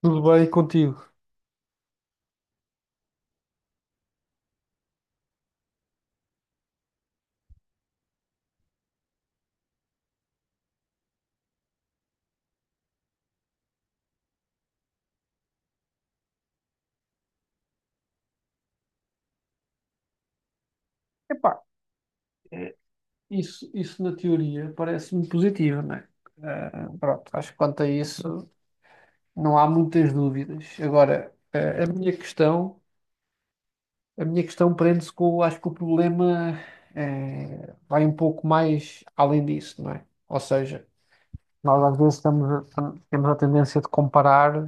Tudo bem contigo? Epá, isso na teoria parece-me positivo, não é? Pronto, acho que quanto a isso não há muitas dúvidas. Agora, a minha questão, prende-se com, acho que o problema vai um pouco mais além disso, não é? Ou seja, nós às vezes estamos, temos a tendência de comparar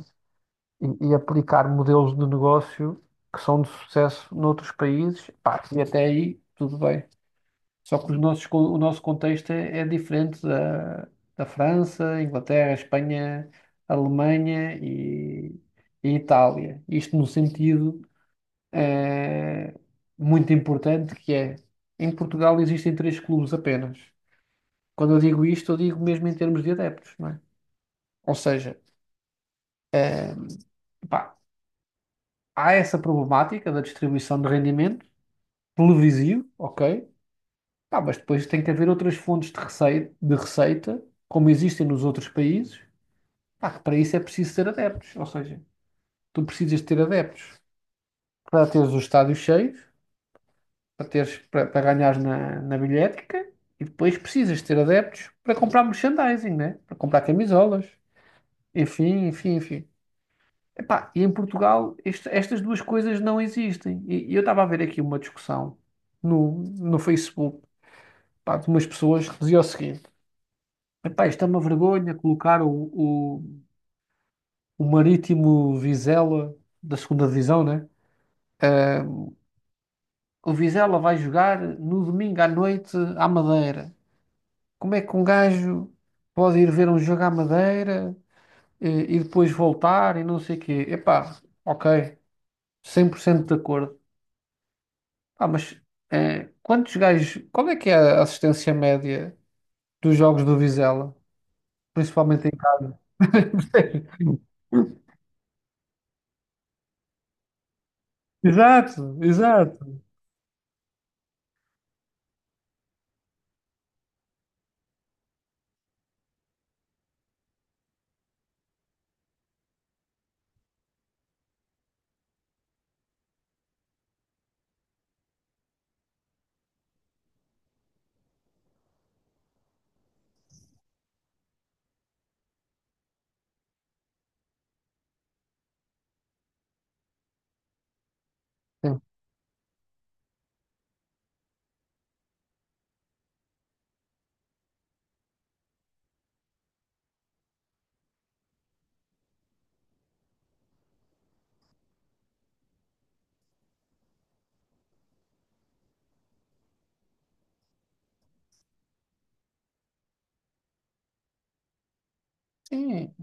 e aplicar modelos de negócio que são de sucesso noutros países, pá, e até aí tudo bem. Só que os nossos, o nosso contexto é diferente da, da França, Inglaterra, Espanha, Alemanha e Itália. Isto no sentido eh, muito importante que é, em Portugal existem três clubes apenas. Quando eu digo isto, eu digo mesmo em termos de adeptos, não é? Ou seja, pá, há essa problemática da distribuição de rendimento televisivo, ok? Pá, mas depois tem que haver outras fontes de receita, como existem nos outros países. Pá, que para isso é preciso ter adeptos, ou seja, tu precisas de ter adeptos para teres os estádios cheios, para ganhares na, na bilhética e depois precisas de ter adeptos para comprar merchandising, né? Para comprar camisolas, enfim, enfim, enfim. Epá, e em Portugal estas duas coisas não existem. E eu estava a ver aqui uma discussão no Facebook, pá, de umas pessoas que diziam o seguinte: epá, isto é uma vergonha colocar o, o Marítimo Vizela da segunda divisão, né? O Vizela vai jogar no domingo à noite à Madeira. Como é que um gajo pode ir ver um jogo à Madeira eh, e, depois voltar e não sei o quê? Epá, ok, 100% de acordo. Ah, mas quantos gajos, qual é que é a assistência média dos jogos do Vizela? Principalmente em casa. Exato, exato. Sim. Sim.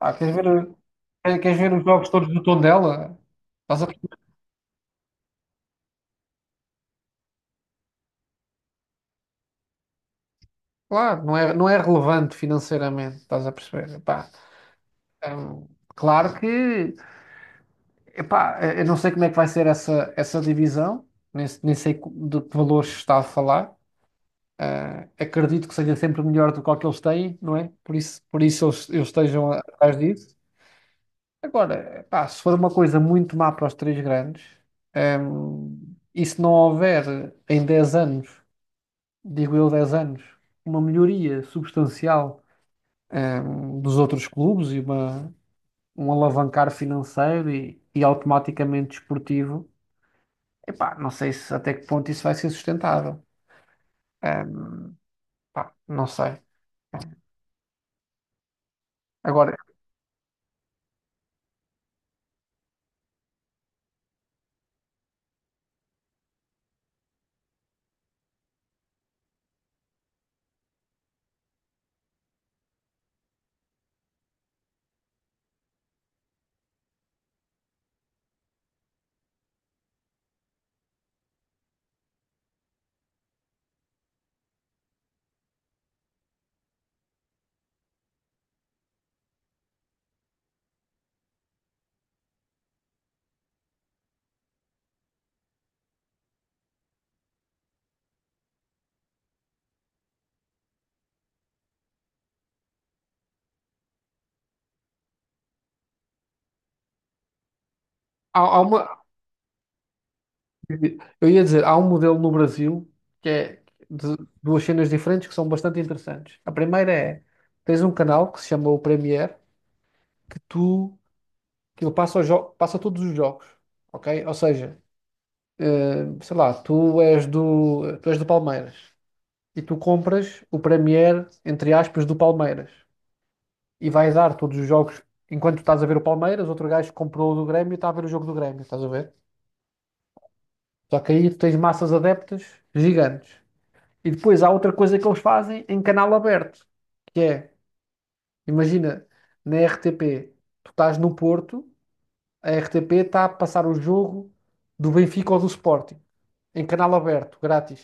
Ah, queres ver, queres ver os jogos todos do Tondela? Estás a. Claro, não é? Não é relevante financeiramente, estás a perceber? Epá, hum, claro que, epá, eu não sei como é que vai ser essa divisão, nem sei de que valores está a falar. Ah, acredito que seja sempre melhor do que o que eles têm, não é? Por isso, eles estejam atrás disso. Agora, epá, se for uma coisa muito má para os três grandes, e se não houver em 10 anos, digo eu 10 anos, uma melhoria substancial. Dos outros clubes e um alavancar financeiro e automaticamente desportivo. Epá, não sei se até que ponto isso vai ser sustentável. Ehm, pá, não sei. Agora, há, há uma, eu ia dizer, há um modelo no Brasil que é de duas cenas diferentes que são bastante interessantes. A primeira é, tens um canal que se chama o Premier, que tu, que ele passa, passa todos os jogos, ok? Ou seja, sei lá, tu és do Palmeiras. E tu compras o Premier, entre aspas, do Palmeiras. E vais dar todos os jogos, enquanto tu estás a ver o Palmeiras, outro gajo comprou o do Grêmio e está a ver o jogo do Grêmio, estás a ver? Só que aí tu tens massas adeptas gigantes. E depois há outra coisa que eles fazem em canal aberto, que é, imagina, na RTP, tu estás no Porto, a RTP está a passar o jogo do Benfica ou do Sporting, em canal aberto, grátis.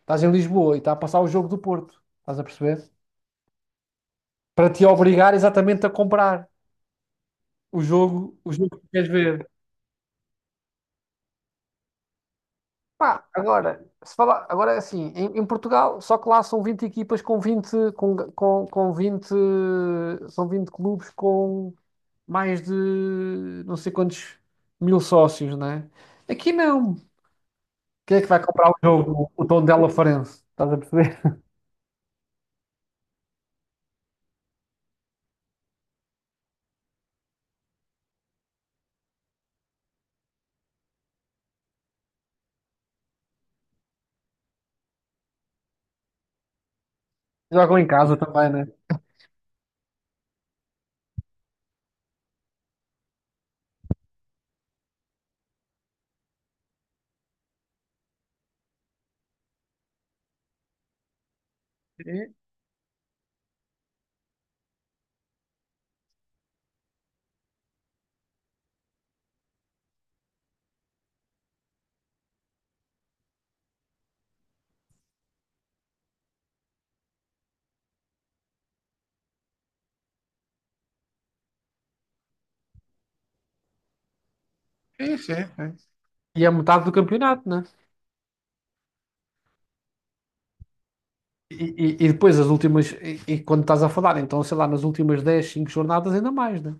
Estás em Lisboa e está a passar o jogo do Porto, estás a perceber? Para te obrigar exatamente a comprar. O jogo que queres ver. Pá, agora, se falar, agora é assim, em Portugal, só que lá são 20 equipas com 20 com 20 são 20 clubes com mais de não sei quantos mil sócios, né? Aqui não. Quem é que vai comprar o jogo? O Tondela Farense, estás a perceber? Jogam em casa também, né? Sim, sim, sim, sim. E é metade do campeonato, né? E, e depois e quando estás a falar, então sei lá, nas últimas 10 5 jornadas ainda mais, né?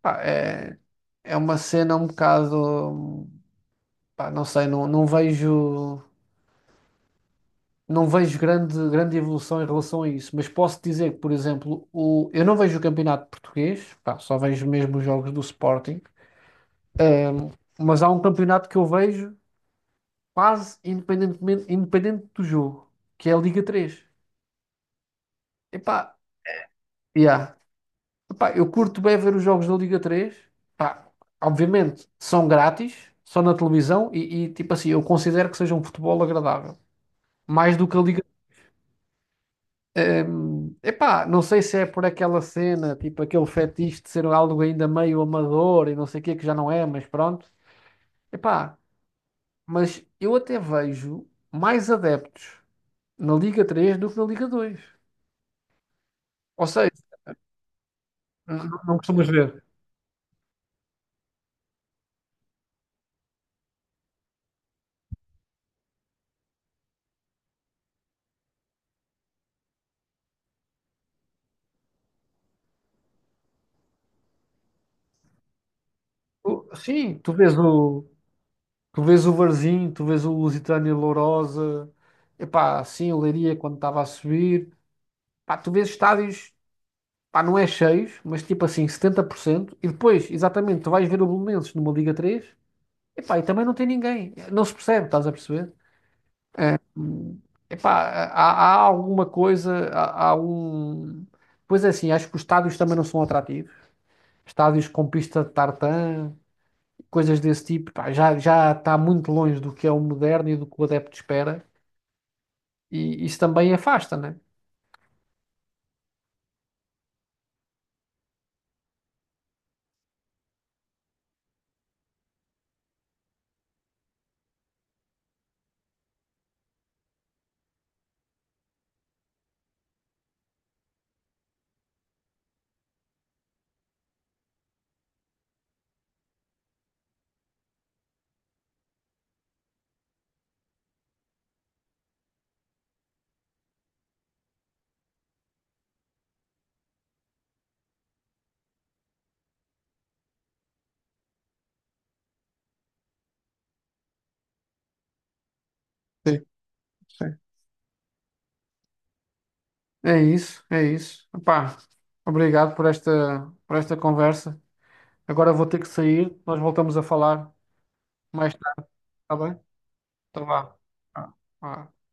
Pá, é uma cena um bocado, pá, não sei, não vejo grande, grande evolução em relação a isso, mas posso dizer que, por exemplo, eu não vejo o campeonato português, pá, só vejo mesmo os jogos do Sporting, mas há um campeonato que eu vejo quase independente do jogo, que é a Liga 3. Epá, yeah. Epá, eu curto bem ver os jogos da Liga 3. Pá, obviamente são grátis, são na televisão e tipo assim, eu considero que seja um futebol agradável, mais do que a Liga. Epá, não sei se é por aquela cena, tipo aquele fetiche de ser algo ainda meio amador e não sei o que, que já não é, mas pronto. Epá, mas eu até vejo mais adeptos na Liga 3 do que na Liga 2. Ou seja, não costumas ver. Sim, tu vês o Varzim, tu vês o Lusitânia Lourosa, epá, sim, o Leiria quando estava a subir. Pá, tu vês estádios, pá, não é cheios, mas tipo assim, 70%. E depois, exatamente, tu vais ver o Belenenses numa Liga 3. Epá, e também não tem ninguém. Não se percebe, estás a perceber? Hum, Epá, há, há alguma coisa, há um. Pois é assim, acho que os estádios também não são atrativos. Estádios com pista de tartan, coisas desse tipo, pá, já, já está muito longe do que é o moderno e do que o adepto espera. E isso também afasta, né? Sim, sim. É isso, é isso. Epá, obrigado por esta, conversa. Agora vou ter que sair. Nós voltamos a falar mais tarde, está bem? Então vá. Ah, ah.